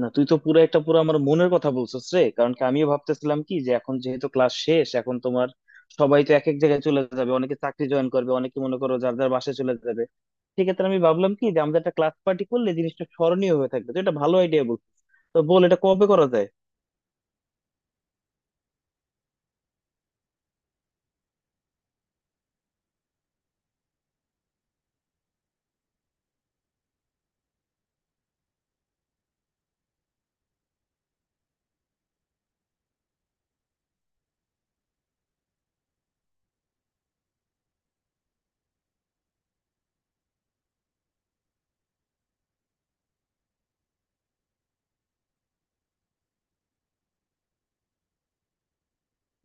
না তুই তো পুরো আমার মনের কথা বলছিস রে। কারণ কি, আমিও ভাবতেছিলাম কি যে এখন যেহেতু ক্লাস শেষ, এখন তোমার সবাই তো এক এক জায়গায় চলে যাবে, অনেকে চাকরি জয়েন করবে, অনেকে মনে করো যার যার বাসায় চলে যাবে। সেক্ষেত্রে আমি ভাবলাম কি যে আমাদের একটা ক্লাস পার্টি করলে জিনিসটা স্মরণীয় হয়ে থাকবে। তো এটা ভালো আইডিয়া বলছিস, তো বল এটা কবে করা যায়।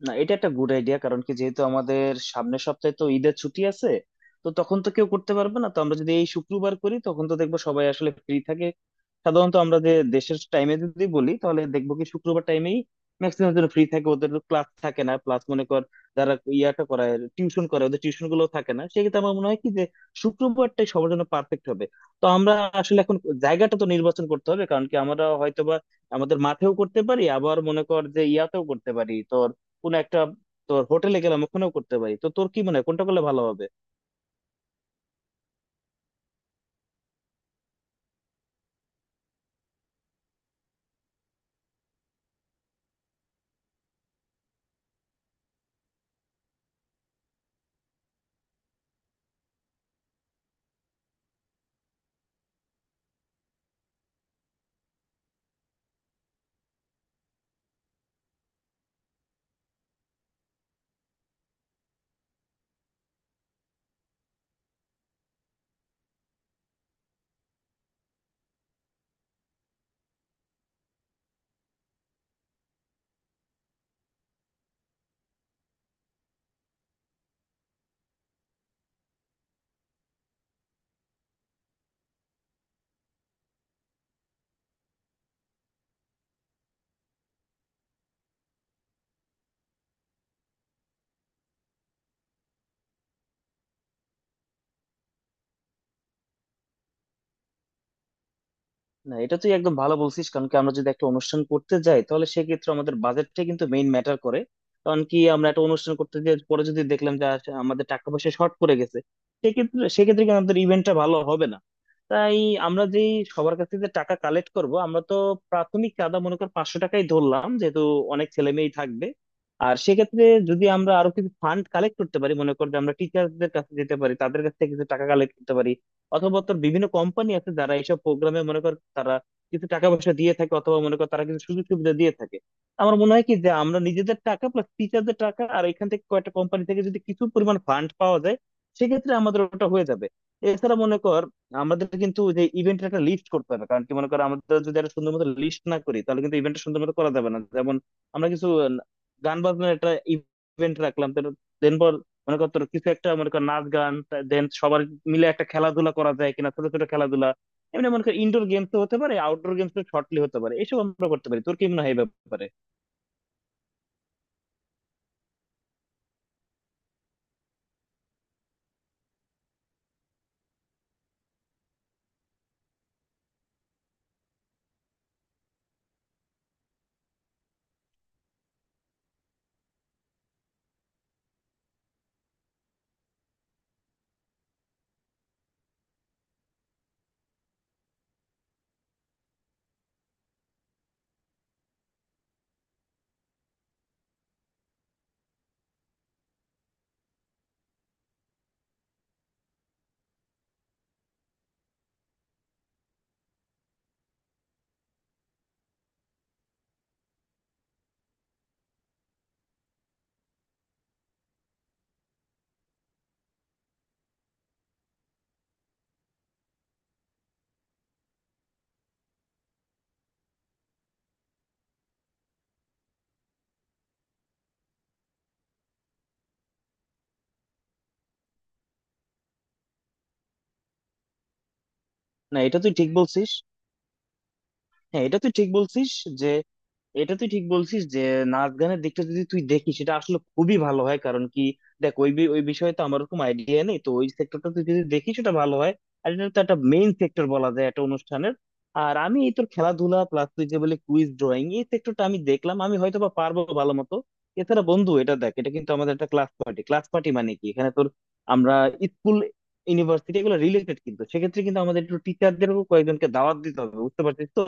না, এটা একটা গুড আইডিয়া। কারণ কি, যেহেতু আমাদের সামনের সপ্তাহে তো ঈদের ছুটি আছে, তো তখন তো কেউ করতে পারবে না। তো আমরা যদি এই শুক্রবার করি তখন তো দেখবো সবাই আসলে ফ্রি থাকে। সাধারণত আমরা যে দেশের টাইমে যদি বলি তাহলে দেখবো কি শুক্রবার টাইমেই ম্যাক্সিমাম জন ফ্রি থাকে, ওদের ক্লাস থাকে না, প্লাস মনে কর যারা ইয়াটা করায়, টিউশন করে, ওদের টিউশন গুলো থাকে না। সেক্ষেত্রে আমার মনে হয় কি যে শুক্রবারটাই সবার জন্য পারফেক্ট হবে। তো আমরা আসলে এখন জায়গাটা তো নির্বাচন করতে হবে। কারণ কি, আমরা হয়তোবা আমাদের মাঠেও করতে পারি, আবার মনে কর যে ইয়াতেও করতে পারি, কোনো একটা তোর হোটেলে গেলাম ওখানেও করতে পারি। তো তোর কি মনে হয় কোনটা করলে ভালো হবে। না এটা তুই একদম ভালো বলছিস। কারণ কি, আমরা যদি একটা অনুষ্ঠান করতে যাই তাহলে সেক্ষেত্রে আমাদের বাজেটটাই কিন্তু মেইন ম্যাটার করে। কারণ কি, আমরা একটা অনুষ্ঠান করতে গিয়ে পরে যদি দেখলাম যে আমাদের টাকা পয়সা শর্ট পড়ে গেছে, সেক্ষেত্রে সেক্ষেত্রে কিন্তু আমাদের ইভেন্টটা ভালো হবে না। তাই আমরা যে সবার কাছ থেকে টাকা কালেক্ট করব আমরা তো, প্রাথমিক চাঁদা মনে কর 500 টাকাই ধরলাম, যেহেতু অনেক ছেলে মেয়েই থাকবে। আর সেক্ষেত্রে যদি আমরা আরো কিছু ফান্ড কালেক্ট করতে পারি, মনে কর যে আমরা টিচারদের কাছে যেতে পারি, তাদের কাছ থেকে কিছু টাকা কালেক্ট করতে পারি। অথবা তোর বিভিন্ন কোম্পানি আছে যারা এইসব প্রোগ্রামে মনে কর তারা কিছু টাকা পয়সা দিয়ে থাকে, অথবা মনে কর তারা কিছু সুযোগ সুবিধা দিয়ে থাকে। আমার মনে হয় কি যে আমরা নিজেদের টাকা প্লাস টিচারদের টাকা আর এখান থেকে কয়েকটা কোম্পানি থেকে যদি কিছু পরিমাণ ফান্ড পাওয়া যায়, সেক্ষেত্রে আমাদের ওটা হয়ে যাবে। এছাড়া মনে কর, আমাদের কিন্তু যে ইভেন্টের একটা লিস্ট করতে হবে। কারণ কি মনে কর, আমাদের যদি একটা সুন্দর মতো লিস্ট না করি তাহলে কিন্তু ইভেন্টটা সুন্দর মতো করা যাবে না। যেমন আমরা কিছু গান বাজনার একটা ইভেন্ট রাখলাম, দেন পর মনে কর তোর কিছু একটা, মনে কর নাচ গান, দেন সবার মিলে একটা খেলাধুলা করা যায় কিনা, ছোট ছোট খেলাধুলা। এমনি মনে কর ইনডোর গেমস হতে পারে, আউটডোর গেমস শর্টলি হতে পারে, এসব আমরা করতে পারি। তোর কি মনে হয় এই ব্যাপারে। না এটা তুই ঠিক বলছিস। হ্যাঁ এটা তুই ঠিক বলছিস যে, এটা তুই ঠিক বলছিস যে নাচ গানের দিকটা যদি তুই দেখিস সেটা আসলে খুবই ভালো হয়। কারণ কি দেখ, ওই বিষয়ে তো আমার ওরকম আইডিয়া নেই, তো ওই সেক্টরটা তুই যদি দেখিস সেটা ভালো হয়। আর এটা তো একটা মেইন সেক্টর বলা যায় একটা অনুষ্ঠানের। আর আমি এই তোর খেলাধুলা প্লাস তুই যে বলে কুইজ, ড্রয়িং, এই সেক্টরটা আমি দেখলাম, আমি হয়তো বা পারবো ভালো মতো। এছাড়া বন্ধু এটা দেখ, এটা কিন্তু আমাদের একটা ক্লাস পার্টি। ক্লাস পার্টি মানে কি, এখানে তোর আমরা স্কুল, ইউনিভার্সিটি এগুলো রিলেটেড। কিন্তু সেক্ষেত্রে কিন্তু আমাদের একটু টিচারদেরও কয়েকজনকে দাওয়াত দিতে হবে, বুঝতে পারছিস তো।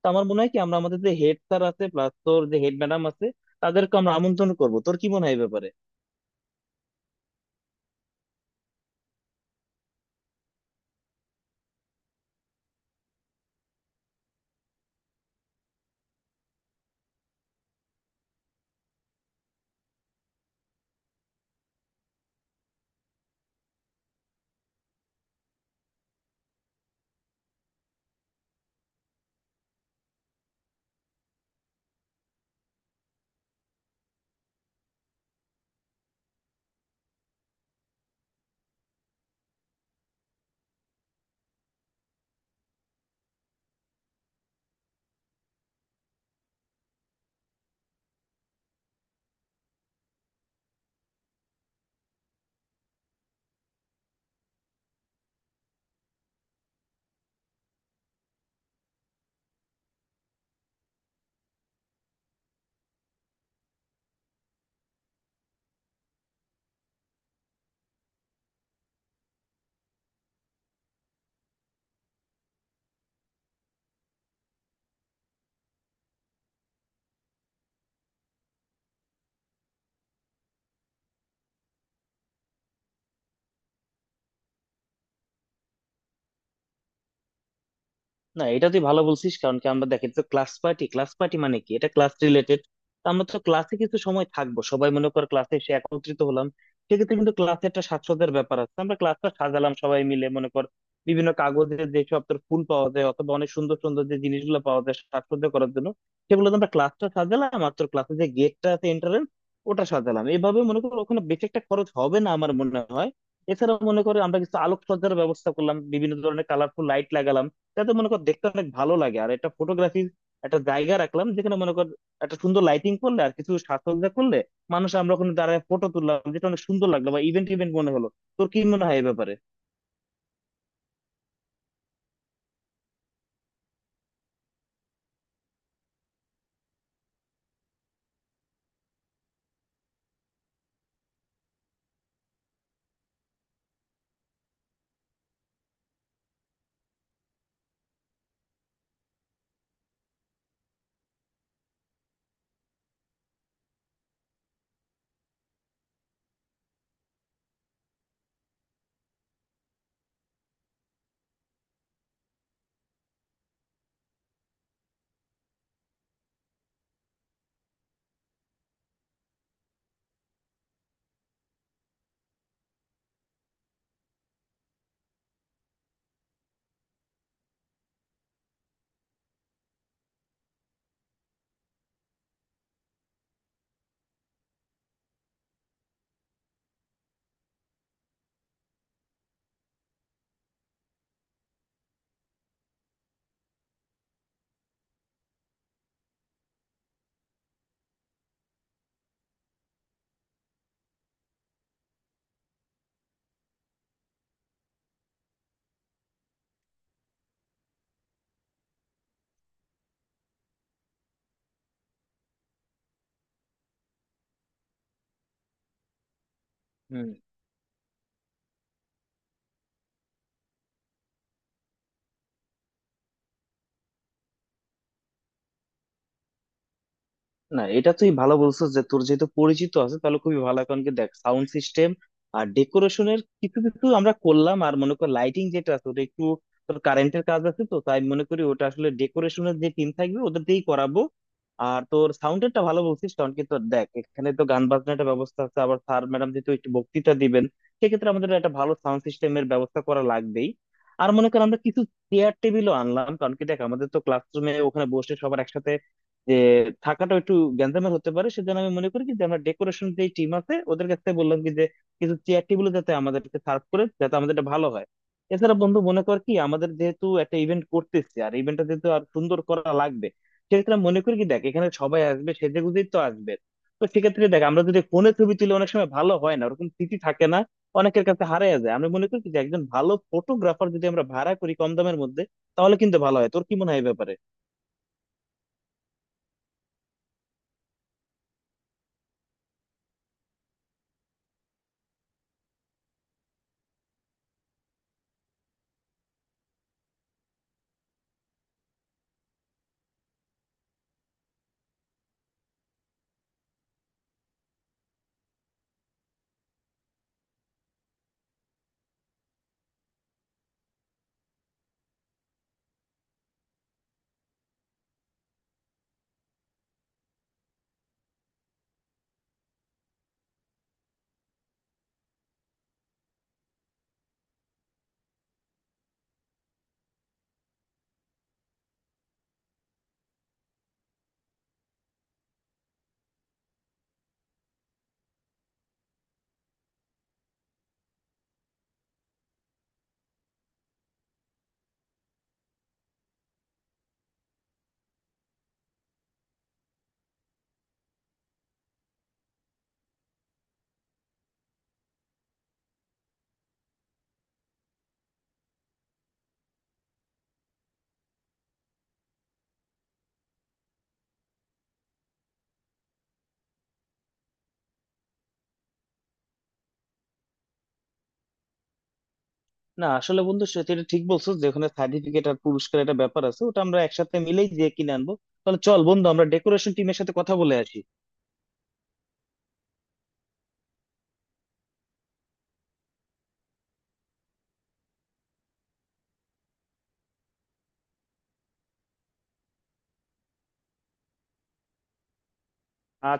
তো আমার মনে হয় কি, আমরা আমাদের যে হেড স্যার আছে প্লাস তোর যে হেড ম্যাডাম আছে, তাদেরকে আমরা আমন্ত্রণ করবো। তোর কি মনে হয় এই ব্যাপারে। না এটা তুই ভালো বলছিস। কারণ কি আমরা দেখি তো ক্লাস পার্টি, ক্লাস পার্টি মানে কি, এটা ক্লাস রিলেটেড। আমরা তো ক্লাসে কিছু সময় থাকবো, সবাই মনে কর ক্লাসে এসে একত্রিত হলাম, সেক্ষেত্রে কিন্তু ক্লাসে একটা সাজসজ্জার ব্যাপার আছে। আমরা ক্লাসটা সাজালাম সবাই মিলে, মনে কর বিভিন্ন কাগজের যেসব তোর ফুল পাওয়া যায় অথবা অনেক সুন্দর সুন্দর যে জিনিসগুলো পাওয়া যায় সাজসজ্জা করার জন্য, সেগুলো তো আমরা ক্লাসটা সাজালাম। আর তোর ক্লাসে যে গেটটা আছে, এন্ট্রান্স, ওটা সাজালাম, এভাবে মনে কর ওখানে বেশি একটা খরচ হবে না আমার মনে হয়। এছাড়াও মনে করো আমরা কিছু আলোকসজ্জার ব্যবস্থা করলাম, বিভিন্ন ধরনের কালারফুল লাইট লাগালাম, যাতে মনে কর দেখতে অনেক ভালো লাগে। আর একটা ফটোগ্রাফির একটা জায়গা রাখলাম, যেখানে মনে কর একটা সুন্দর লাইটিং করলে আর কিছু সাজসজ্জা করলে, মানুষ আমরা ওখানে দাঁড়ায় ফটো তুললাম, যেটা অনেক সুন্দর লাগলো বা ইভেন্ট ইভেন্ট মনে হলো। তোর কি মনে হয় এই ব্যাপারে। হম। না এটা তুই ভালো বলছিস যে তোর যেহেতু পরিচিত আছে, তাহলে খুবই ভালো। এখন কি দেখ, সাউন্ড সিস্টেম আর ডেকোরেশনের কিছু কিছু আমরা করলাম, আর মনে কর লাইটিং যেটা আছে ওটা একটু তোর কারেন্টের কাজ আছে তো, তাই মনে করি ওটা আসলে ডেকোরেশনের যে টিম থাকবে ওদের দিয়েই করাবো। আর তোর সাউন্ডেরটা ভালো বলছিস। কারণ কি তোর দেখ, এখানে তো গান বাজনাটা ব্যবস্থা আছে, আবার স্যার ম্যাডাম যেহেতু একটু বক্তৃতা দিবেন, সেক্ষেত্রে আমাদের একটা ভালো সাউন্ড সিস্টেমের ব্যবস্থা করা লাগবেই। আর মনে কর আমরা কিছু চেয়ার টেবিলও আনলাম। কারণ কি দেখ, আমাদের তো ক্লাসরুমে ওখানে বসে সবার একসাথে যে থাকাটা একটু গ্যাঞ্জামের হতে পারে। সেজন্য আমি মনে করি কি যে আমরা ডেকোরেশন যে টিম আছে ওদের কাছে বললাম কি যে কিছু চেয়ার টেবিল যাতে আমাদেরকে সার্ভ করে, যাতে আমাদের এটা ভালো হয়। এছাড়া বন্ধু মনে কর কি, আমাদের যেহেতু একটা ইভেন্ট করতেছি আর ইভেন্টটা যেহেতু আর সুন্দর করা লাগবে, সেক্ষেত্রে আমি মনে করি কি দেখ এখানে সবাই আসবে সেজে গুজেই তো আসবে। তো সেক্ষেত্রে দেখ, আমরা যদি ফোনে ছবি তুলে অনেক সময় ভালো হয় না, ওরকম স্মৃতি থাকে না, অনেকের কাছে হারিয়ে যায়। আমি মনে করি কি যে একজন ভালো ফটোগ্রাফার যদি আমরা ভাড়া করি কম দামের মধ্যে, তাহলে কিন্তু ভালো হয়। তোর কি মনে হয় এই ব্যাপারে। না আসলে বন্ধু সেটা, এটা ঠিক বলছো যে ওখানে সার্টিফিকেট আর পুরস্কার একটা ব্যাপার আছে, ওটা আমরা একসাথে মিলেই যে কিনে আনবো। তাহলে চল বন্ধু, আমরা ডেকোরেশন টিমের সাথে কথা বলে আসি।